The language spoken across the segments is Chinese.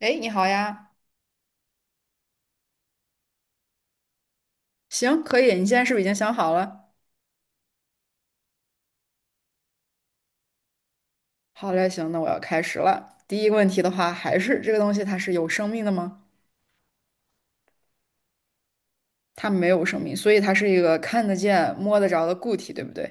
哎，你好呀，行，可以。你现在是不是已经想好了？好嘞，行，那我要开始了。第一个问题的话，还是这个东西它是有生命的吗？它没有生命，所以它是一个看得见、摸得着的固体，对不对？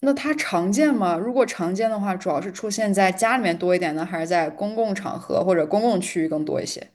那它常见吗？如果常见的话，主要是出现在家里面多一点呢，还是在公共场合或者公共区域更多一些？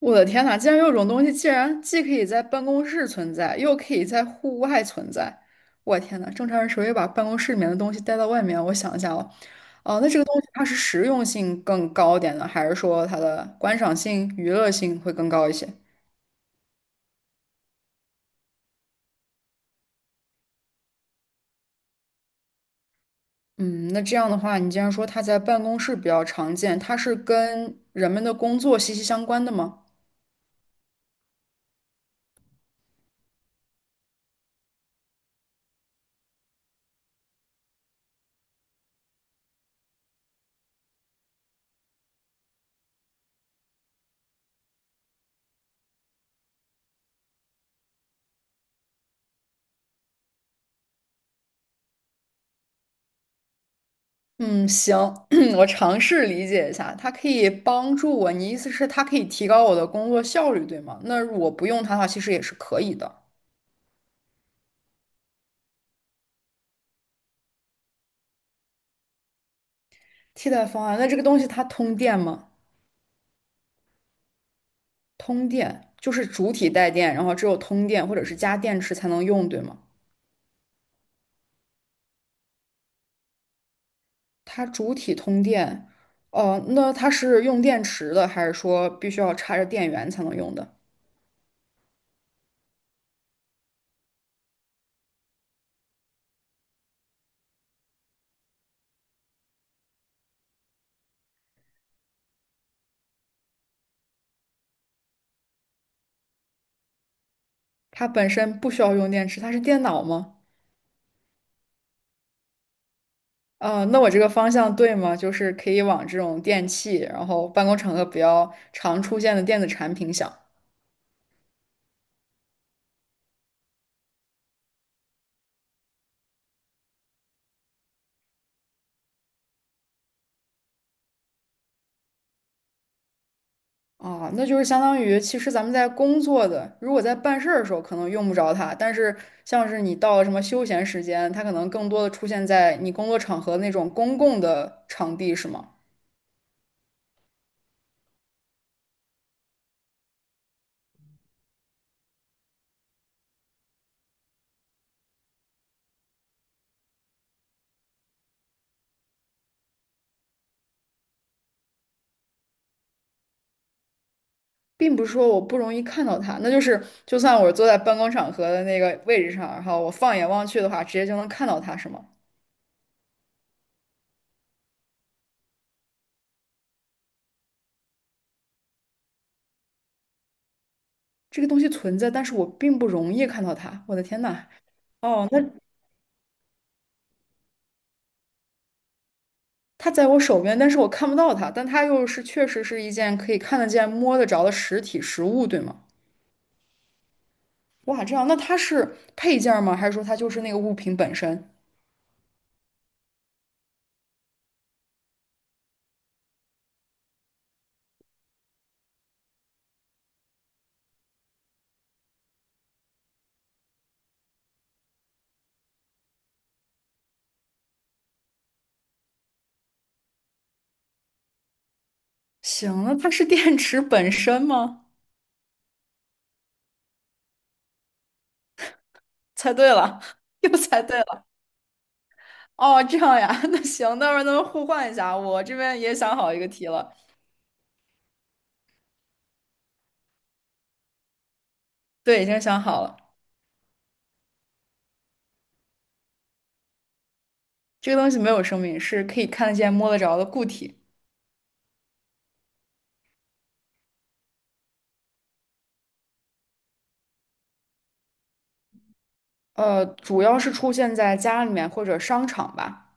我的天呐，竟然有种东西，竟然既可以在办公室存在，又可以在户外存在。我的天呐，正常人谁会把办公室里面的东西带到外面？我想一下哦，哦、那这个东西它是实用性更高点呢，还是说它的观赏性、娱乐性会更高一些？嗯，那这样的话，你既然说它在办公室比较常见，它是跟人们的工作息息相关的吗？嗯，行，我尝试理解一下，它可以帮助我。你意思是它可以提高我的工作效率，对吗？那我不用它的话，其实也是可以的。替代方案，那这个东西它通电吗？通电就是主体带电，然后只有通电或者是加电池才能用，对吗？它主体通电，哦、那它是用电池的，还是说必须要插着电源才能用的？它本身不需要用电池，它是电脑吗？那我这个方向对吗？就是可以往这种电器，然后办公场合比较常出现的电子产品想。啊，那就是相当于，其实咱们在工作的，如果在办事儿的时候可能用不着它，但是像是你到了什么休闲时间，它可能更多的出现在你工作场合那种公共的场地，是吗？并不是说我不容易看到它，那就是就算我坐在办公场合的那个位置上，然后我放眼望去的话，直接就能看到它，是吗？这个东西存在，但是我并不容易看到它。我的天呐！哦，那它在我手边，但是我看不到它，但它又是确实是一件可以看得见、摸得着的实体实物，对吗？哇，这样，那它是配件儿吗？还是说它就是那个物品本身？行，那它是电池本身吗？猜对了，又猜对了。哦，这样呀，那行，待会儿咱们互换一下，我这边也想好一个题了。对，已经想好了，这个东西没有生命，是可以看得见、摸得着的固体。主要是出现在家里面或者商场吧。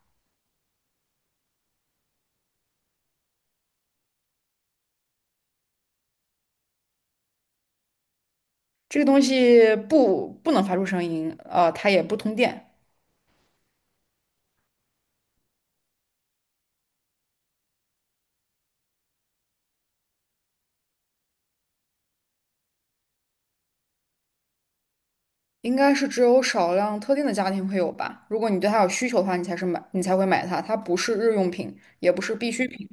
这个东西不能发出声音，它也不通电，应该是只有少量特定的家庭会有吧。如果你对它有需求的话，你才是买，你才会买它。它不是日用品，也不是必需品，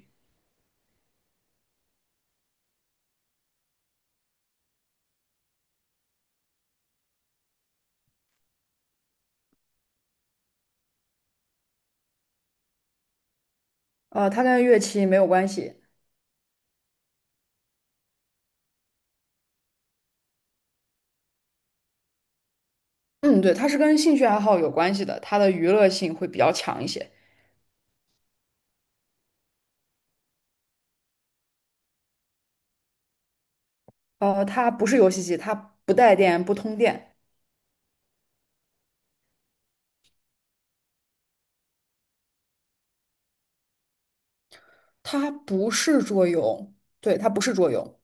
它跟乐器没有关系。嗯，对，它是跟兴趣爱好有关系的，它的娱乐性会比较强一些。它不是游戏机，它不带电，不通电，它不是桌游，对，它不是桌游，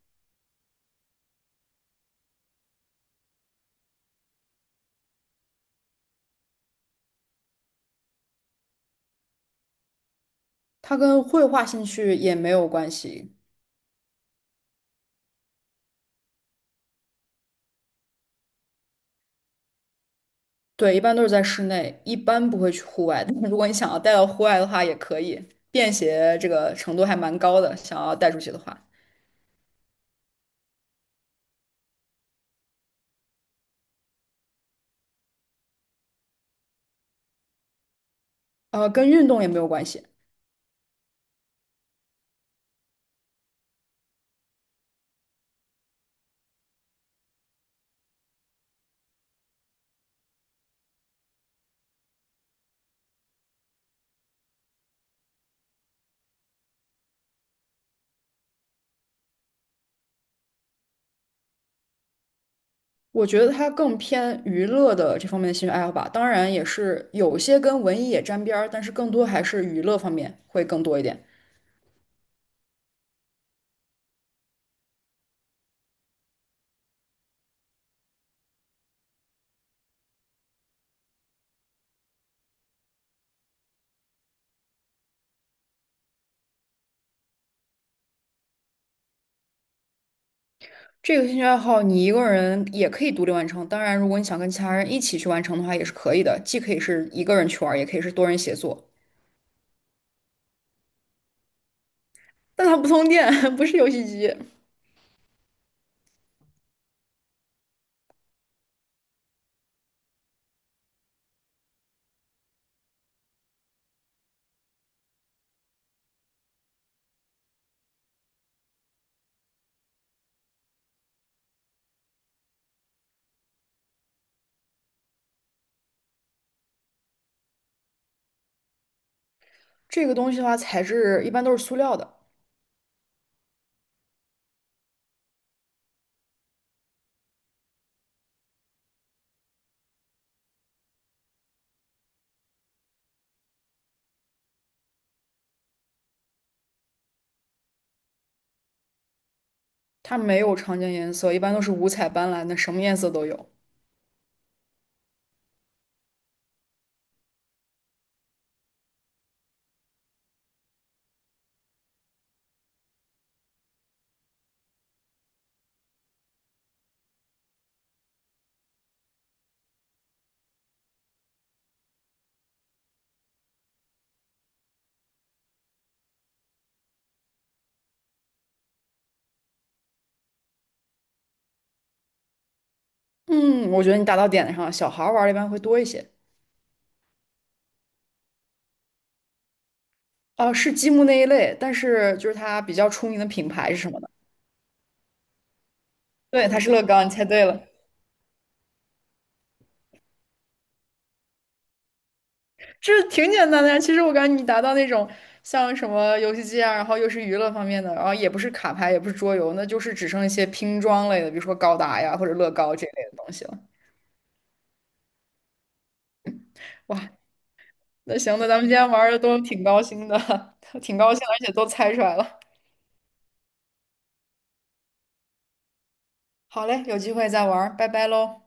它跟绘画兴趣也没有关系。对，一般都是在室内，一般不会去户外。但是如果你想要带到户外的话，也可以，便携这个程度还蛮高的。想要带出去的话，跟运动也没有关系。我觉得它更偏娱乐的这方面的兴趣爱好吧。当然，也是有些跟文艺也沾边儿，但是更多还是娱乐方面会更多一点。这个兴趣爱好你一个人也可以独立完成。当然，如果你想跟其他人一起去完成的话，也是可以的。既可以是一个人去玩儿，也可以是多人协作。但它不通电，不是游戏机。这个东西的话，材质一般都是塑料的，它没有常见颜色，一般都是五彩斑斓的，什么颜色都有。嗯，我觉得你打到点子上了，小孩儿玩儿的一般会多一些。哦，是积木那一类，但是就是它比较出名的品牌是什么呢？对，它是乐高，你猜对了，这挺简单的呀。其实我感觉你达到那种像什么游戏机啊，然后又是娱乐方面的，然后也不是卡牌，也不是桌游，那就是只剩一些拼装类的，比如说高达呀或者乐高这类的东西了。哇，那行，那咱们今天玩的都挺高兴的，挺高兴，而且都猜出来了。好嘞，有机会再玩儿拜拜喽。